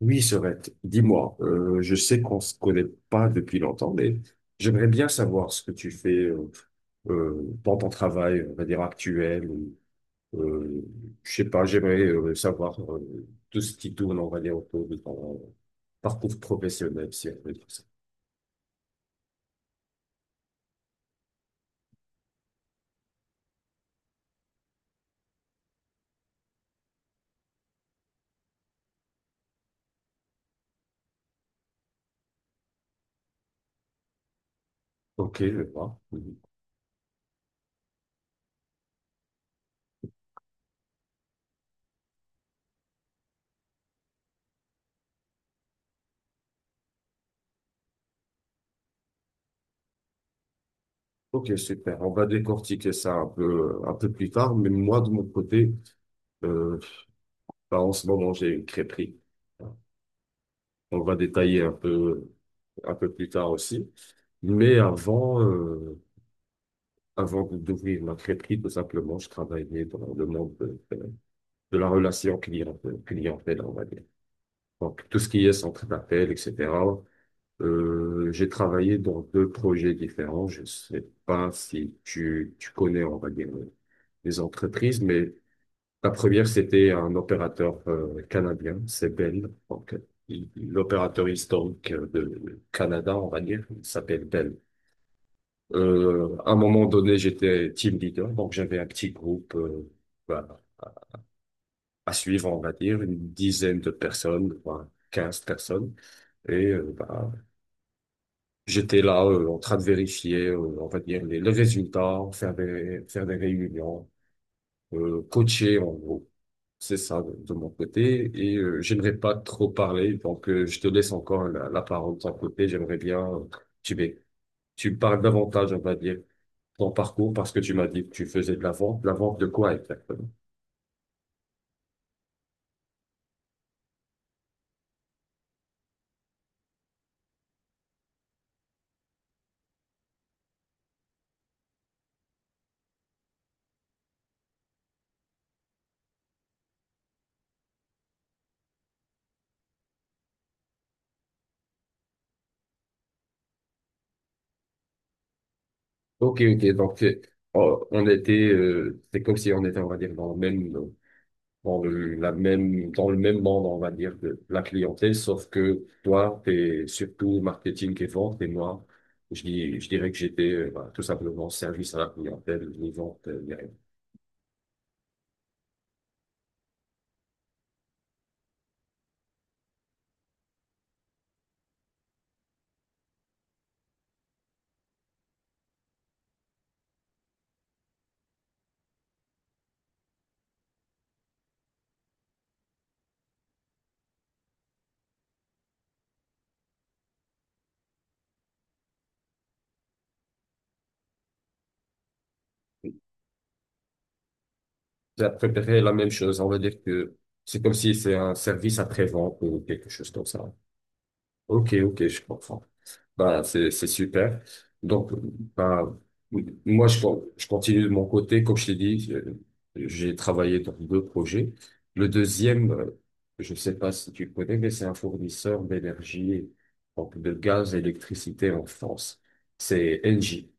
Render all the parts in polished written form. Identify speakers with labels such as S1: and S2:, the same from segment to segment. S1: Oui, Sorette, dis-moi, je sais qu'on se connaît pas depuis longtemps, mais j'aimerais bien savoir ce que tu fais dans ton travail, on va dire actuel, ou euh, je sais pas, j'aimerais savoir tout ce qui tourne, on va dire, autour de ton parcours professionnel, si on peut dire ça. Ok, je vois. Mhm. Ok, super. On va décortiquer ça un peu plus tard, mais moi, de mon côté, euh, bah, en ce moment, j'ai une crêperie. On va détailler un peu. Un peu plus tard aussi. Mais avant, avant d'ouvrir ma crêperie, tout simplement, je travaillais dans le monde de la relation client, clientèle, on va dire. Donc, tout ce qui est centre d'appel, etc. J'ai travaillé dans deux projets différents. Je sais pas si tu connais, on va dire, les entreprises, mais la première, c'était un opérateur canadien, c'est Bell. Donc, l'opérateur historique de Canada, on va dire, il s'appelle Bell. À un moment donné, j'étais team leader, donc j'avais un petit groupe bah, à suivre, on va dire, une dizaine de personnes, enfin, 15 personnes. Et euh, bah, J'étais là en train de vérifier, on va dire, les résultats, faire des réunions, coacher en gros. C'est ça de mon côté. Et j'aimerais pas trop parler, donc je te laisse encore la parole de ton côté. J'aimerais bien, tu, m'é- tu me parles davantage, on va dire. Ton parcours parce que tu m'as dit que tu faisais de la vente. La vente de quoi exactement? Ok, ok. Donc, oh, on était, c'est comme si on était, on va dire, dans le même, dans le même monde, on va dire, de la clientèle, sauf que toi, t'es surtout marketing et vente, et moi, je dirais que j'étais, bah, tout simplement service à la clientèle, ni vente, ni rien. J'ai préféré la même chose. On va dire que c'est comme si c'est un service après-vente ou quelque chose comme ça. Ok, ok, je comprends. Bah, c'est super. Donc, bah, moi, je continue de mon côté. Comme je t'ai dit, j'ai travaillé dans deux projets. Le deuxième, je sais pas si tu connais, mais c'est un fournisseur d'énergie, donc de gaz et d'électricité en France. C'est Engie.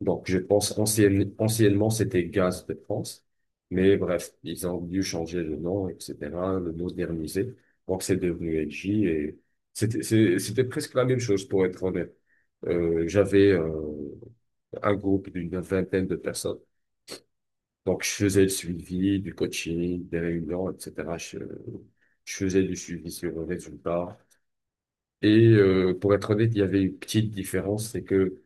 S1: Donc, je pense anciennement, c'était Gaz de France. Mais bref, ils ont dû changer le nom, etc., le moderniser. Donc, c'est devenu LG et c'était, c'était presque la même chose, pour être honnête. J'avais un groupe d'une vingtaine de personnes. Donc, je faisais le suivi, du coaching, des réunions, etc. Je faisais du suivi sur le résultat. Et pour être honnête, il y avait une petite différence, c'est que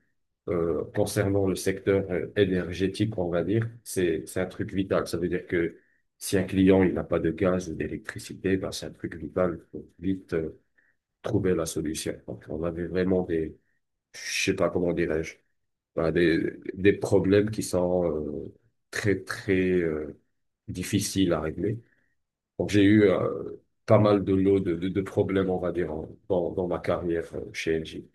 S1: concernant le secteur énergétique, on va dire, c'est un truc vital. Ça veut dire que si un client il n'a pas de gaz ou d'électricité, ben, c'est un truc vital. Il faut vite trouver la solution. Donc, on avait vraiment des, je sais pas comment dirais-je, ben, des problèmes qui sont très, très difficiles à régler. Donc, j'ai eu pas mal de lots de problèmes, on va dire, dans ma carrière chez Engie.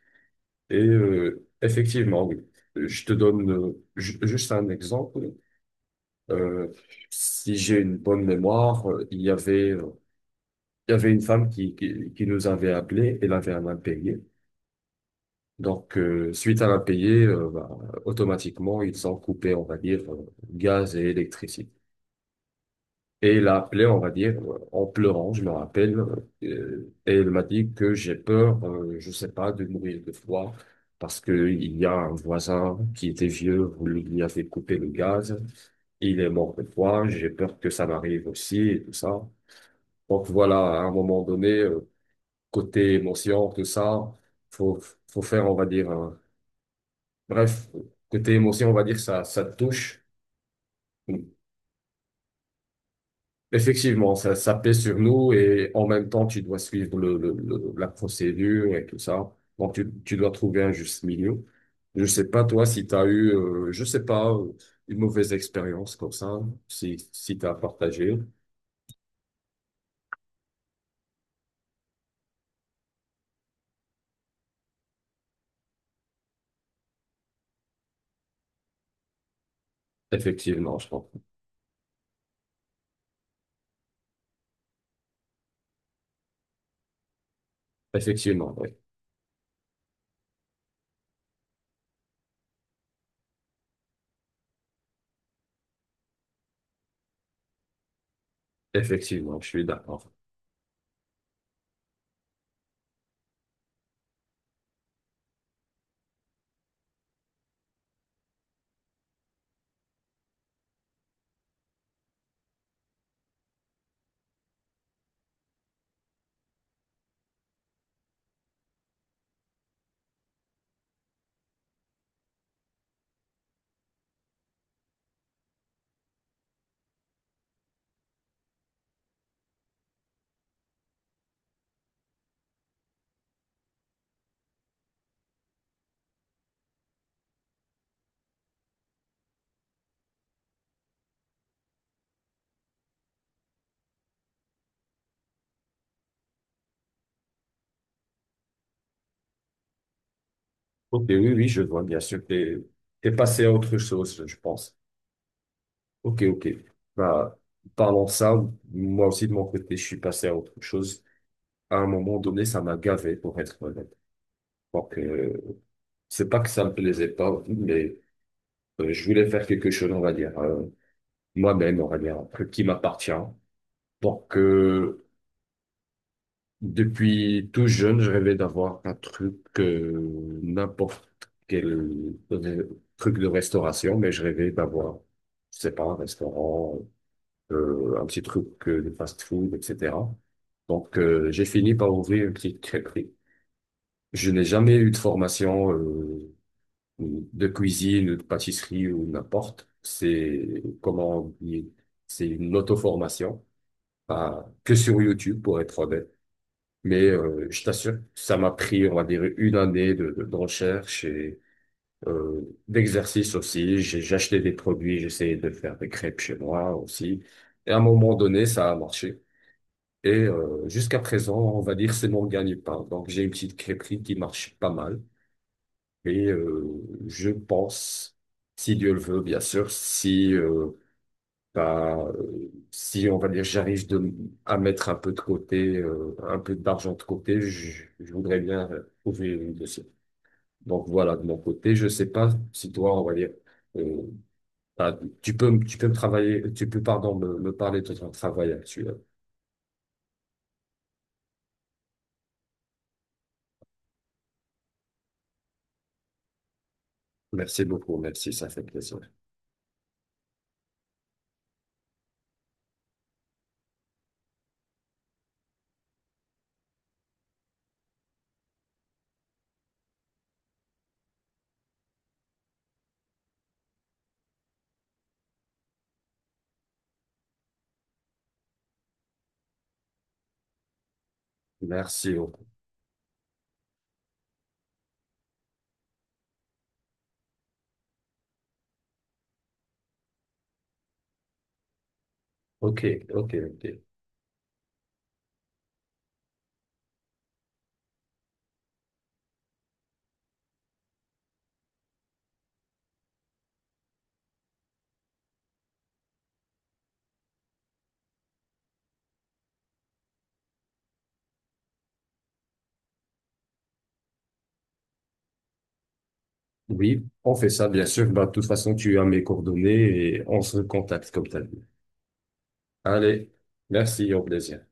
S1: Et effectivement, oui. Je te donne juste un exemple. Euh, Si j'ai une bonne mémoire, il y avait une femme qui nous avait appelé, elle avait un impayé. Donc, suite à l'impayé, bah, automatiquement, ils ont coupé, on va dire, gaz et électricité. Et il a appelé, on va dire, en pleurant, je me rappelle, et il m'a dit que j'ai peur, je sais pas, de mourir de froid, parce que il y a un voisin qui était vieux, vous lui avez coupé le gaz, il est mort de froid, j'ai peur que ça m'arrive aussi, et tout ça. Donc voilà, à un moment donné, côté émotion, tout ça, faut, faut faire, on va dire, bref, côté émotion, on va dire, ça te touche. Effectivement, ça pèse sur nous et en même temps, tu dois suivre la procédure et tout ça. Donc, tu dois trouver un juste milieu. Je sais pas, toi, si tu as eu, je sais pas, une mauvaise expérience comme ça, si tu as partagé. Effectivement, je comprends. Effectivement, oui. Effectivement, je suis d'accord. Ok, oui, oui, je vois, bien sûr. T'es passé à autre chose, je pense. Ok, ok. Bah, parlons de ça. Moi aussi, de mon côté, je suis passé à autre chose. À un moment donné, ça m'a gavé, pour être honnête. Donc, c'est pas que ça me plaisait pas, mais je voulais faire quelque chose, on va dire, moi-même, on va dire, un truc qui m'appartient. Donc, depuis tout jeune, je rêvais d'avoir un truc, n'importe quel re- truc de restauration, mais je rêvais d'avoir, je sais pas, un restaurant, un petit truc de fast-food, etc. Donc, j'ai fini par ouvrir une petite crêperie. Je n'ai jamais eu de formation. Ou de cuisine ou de pâtisserie ou n'importe. C'est comment oublier. C'est une auto-formation, pas que sur YouTube pour être honnête. Mais je t'assure, ça m'a pris, on va dire, une année de recherche et euh, d'exercice aussi. J'ai acheté des produits, j'essayais de faire des crêpes chez moi aussi. Et à un moment donné, ça a marché. Et jusqu'à présent, on va dire, c'est mon gagne-pain. Donc j'ai une petite crêperie qui marche pas mal. Et je pense, si Dieu le veut, bien sûr, si on va dire à mettre un peu de côté, un peu d'argent de côté, je voudrais bien ouvrir une dossier. Donc voilà, de mon côté, je sais pas si toi, on va dire, euh, bah, tu peux me travailler, tu peux, pardon, me parler de ton travail actuel. Merci beaucoup, merci, ça fait plaisir. Merci beaucoup. Ok, ok, ok. Oui, on fait ça, bien sûr. Bah, de toute façon, tu as mes coordonnées et on se contacte comme t'as dit. Allez, merci, au plaisir.